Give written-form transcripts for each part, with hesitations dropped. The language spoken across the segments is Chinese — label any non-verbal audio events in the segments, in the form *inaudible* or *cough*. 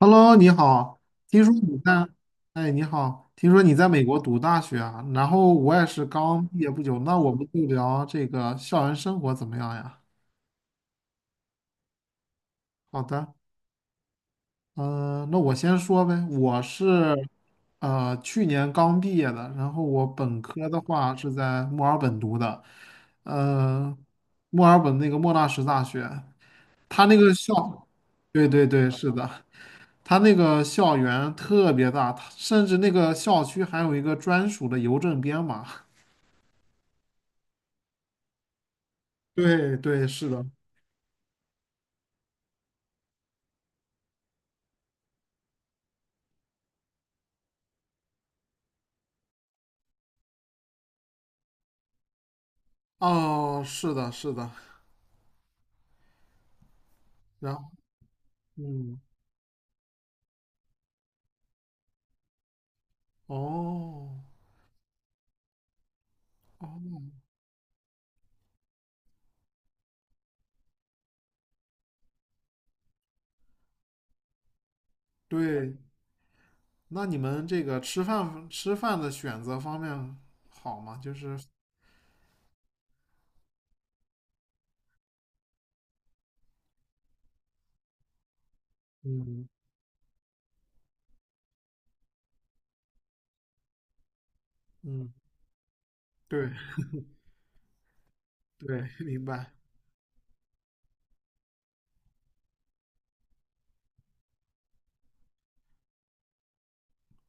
Hello，你好，听说你在，哎，你好，听说你在美国读大学啊，然后我也是刚毕业不久，那我们就聊这个校园生活怎么样呀？好的，嗯、那我先说呗，我是去年刚毕业的，然后我本科的话是在墨尔本读的，呃，墨尔本那个莫纳什大学，他那个校，对对对，是的，他那个校园特别大，它甚至那个校区还有一个专属的邮政编码。*laughs* 对对，是的，哦，是的，是的，然后，嗯，哦，对，那你们这个吃饭的选择方面好吗？就是，嗯嗯，对对，*laughs* 明白。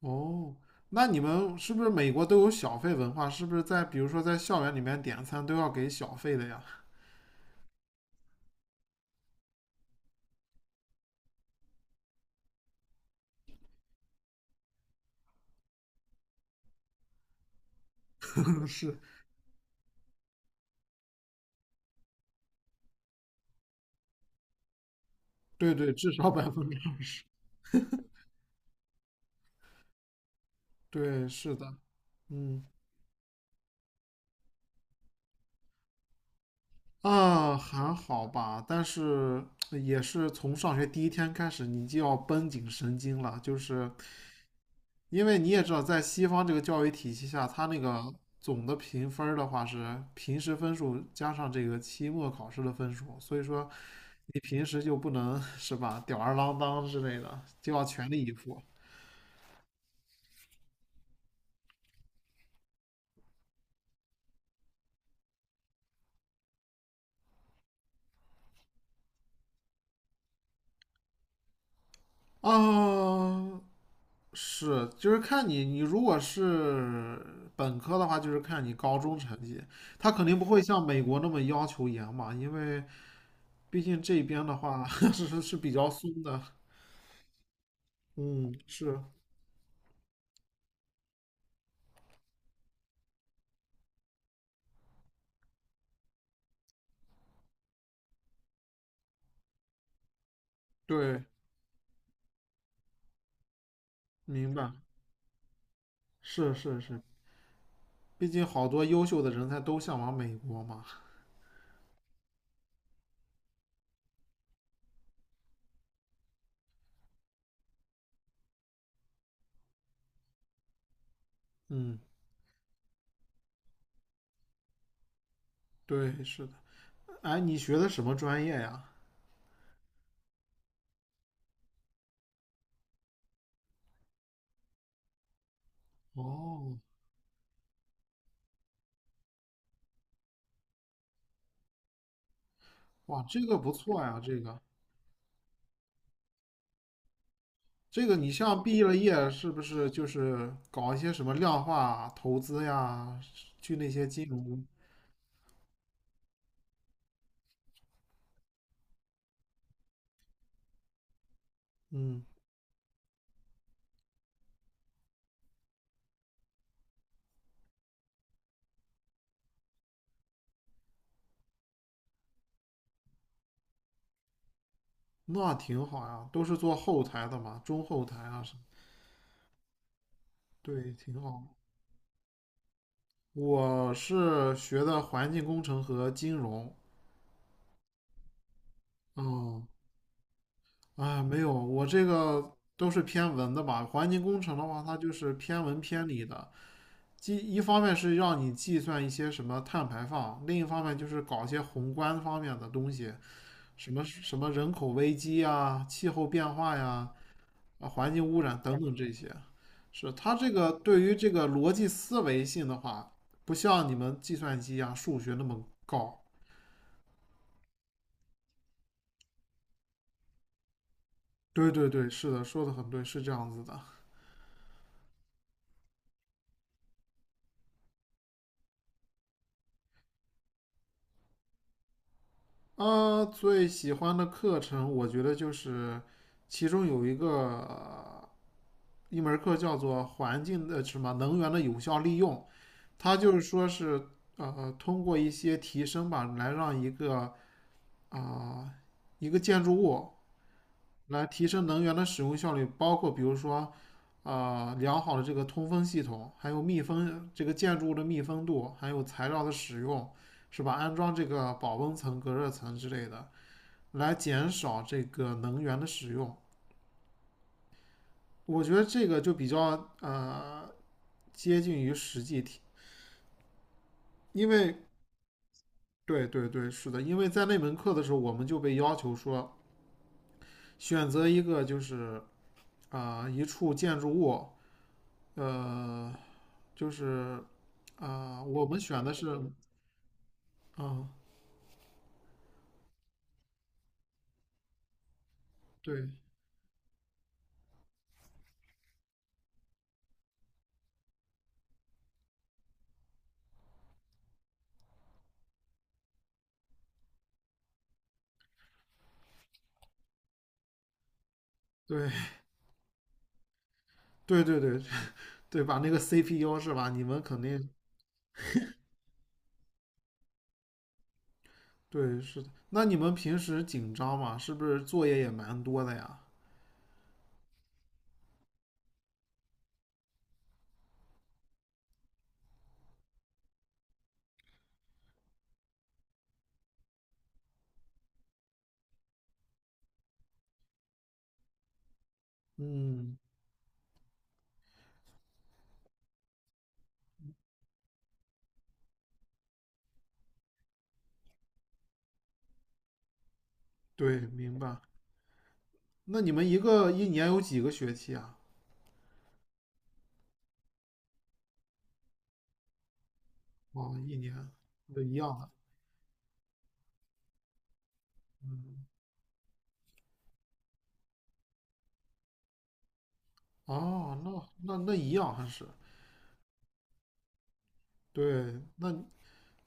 哦，那你们是不是美国都有小费文化？是不是在比如说在校园里面点餐都要给小费的呀？*laughs* 是，对对，至少百分之二十。对，是的，嗯啊，还好吧，但是也是从上学第一天开始，你就要绷紧神经了，就是因为你也知道，在西方这个教育体系下，它那个总的评分儿的话是平时分数加上这个期末考试的分数，所以说你平时就不能是吧，吊儿郎当之类的，就要全力以赴啊。是，就是看你，你如果是本科的话，就是看你高中成绩，他肯定不会像美国那么要求严嘛，因为毕竟这边的话 *laughs* 是比较松的。嗯，是，对，明白，是是是，毕竟好多优秀的人才都向往美国嘛。嗯，对，是的。哎，你学的什么专业呀？哦，哇，这个不错呀，这个，你像毕了业是不是就是搞一些什么量化投资呀，去那些金融，嗯，那挺好呀，都是做后台的嘛，中后台啊什么，对，挺好。我是学的环境工程和金融，嗯，哎，没有，我这个都是偏文的吧，环境工程的话，它就是偏文偏理的，计一方面是让你计算一些什么碳排放，另一方面就是搞一些宏观方面的东西，什么什么人口危机啊、气候变化呀、啊环境污染等等这些。是它这个对于这个逻辑思维性的话，不像你们计算机啊、数学那么高。对对对，是的，说的很对，是这样子的。啊，最喜欢的课程，我觉得就是其中有一个。一门课叫做环境的什么能源的有效利用，它就是说是通过一些提升吧，来让一个啊、呃一个建筑物来提升能源的使用效率，包括比如说良好的这个通风系统，还有密封这个建筑物的密封度，还有材料的使用，是吧？安装这个保温层、隔热层之类的，来减少这个能源的使用。我觉得这个就比较接近于实际题，因为对对对，是的，因为在那门课的时候，我们就被要求说选择一个就是一处建筑物，呃，就是我们选的是啊、对对对对对 *laughs* 对吧？那个 CPU 是吧？你们肯定对是的。那你们平时紧张吗？是不是作业也蛮多的呀？嗯，对，明白。那你们一个一年有几个学期啊？哦，一年，对，一样的，嗯，哦，那一样还是对，那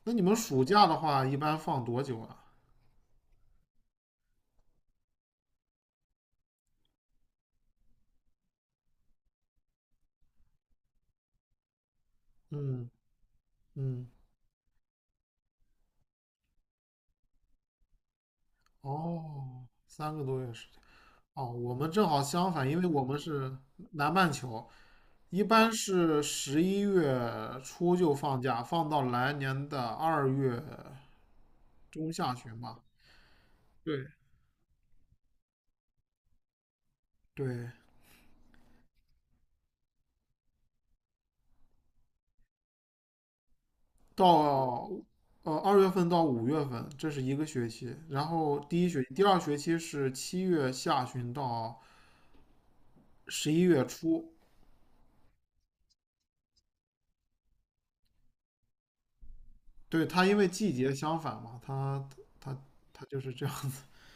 那你们暑假的话，一般放多久啊？嗯嗯，哦，三个多月时间。哦，我们正好相反，因为我们是南半球，一般是十一月初就放假，放到来年的二月中下旬吧。对对，到二月份到五月份，这是一个学期。然后第一学期、第二学期是七月下旬到十一月初。对，它因为季节相反嘛，它它就是这样子。*laughs*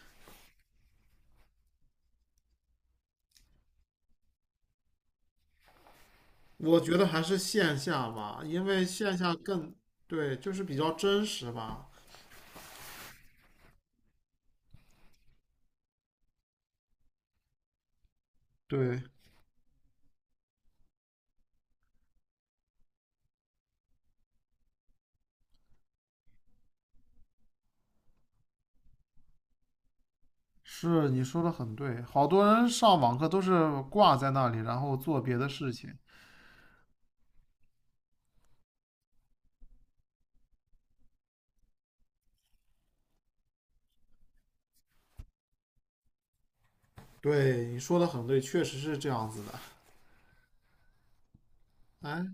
我觉得还是线下吧，因为线下更，对，就是比较真实吧。对，是你说的很对，好多人上网课都是挂在那里，然后做别的事情。对，你说的很对，确实是这样子的。哎，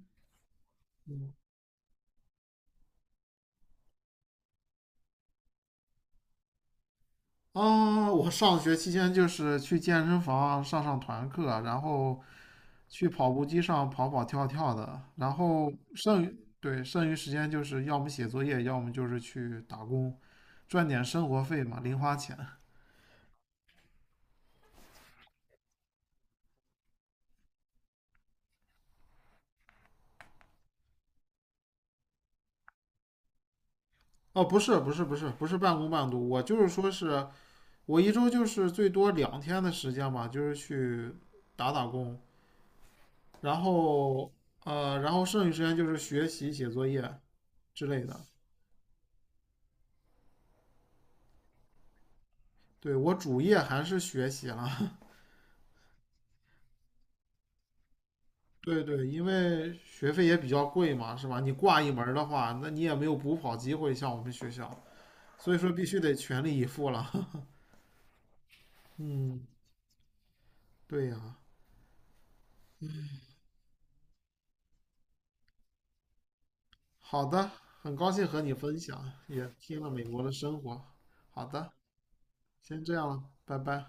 啊，我上学期间就是去健身房上团课，然后去跑步机上跑跑跳跳的，然后剩余，对，剩余时间就是要么写作业，要么就是去打工，赚点生活费嘛，零花钱。哦，不是，不是，不是，不是半工半读，我就是说是我一周就是最多两天的时间吧，就是去打打工，然后然后剩余时间就是学习、写作业之类的。对，我主业还是学习了。*laughs* 对对，因为学费也比较贵嘛，是吧？你挂一门儿的话，那你也没有补考机会，像我们学校，所以说必须得全力以赴了。*laughs* 嗯，对呀，好的，很高兴和你分享，也听了美国的生活。好的，先这样了，拜拜。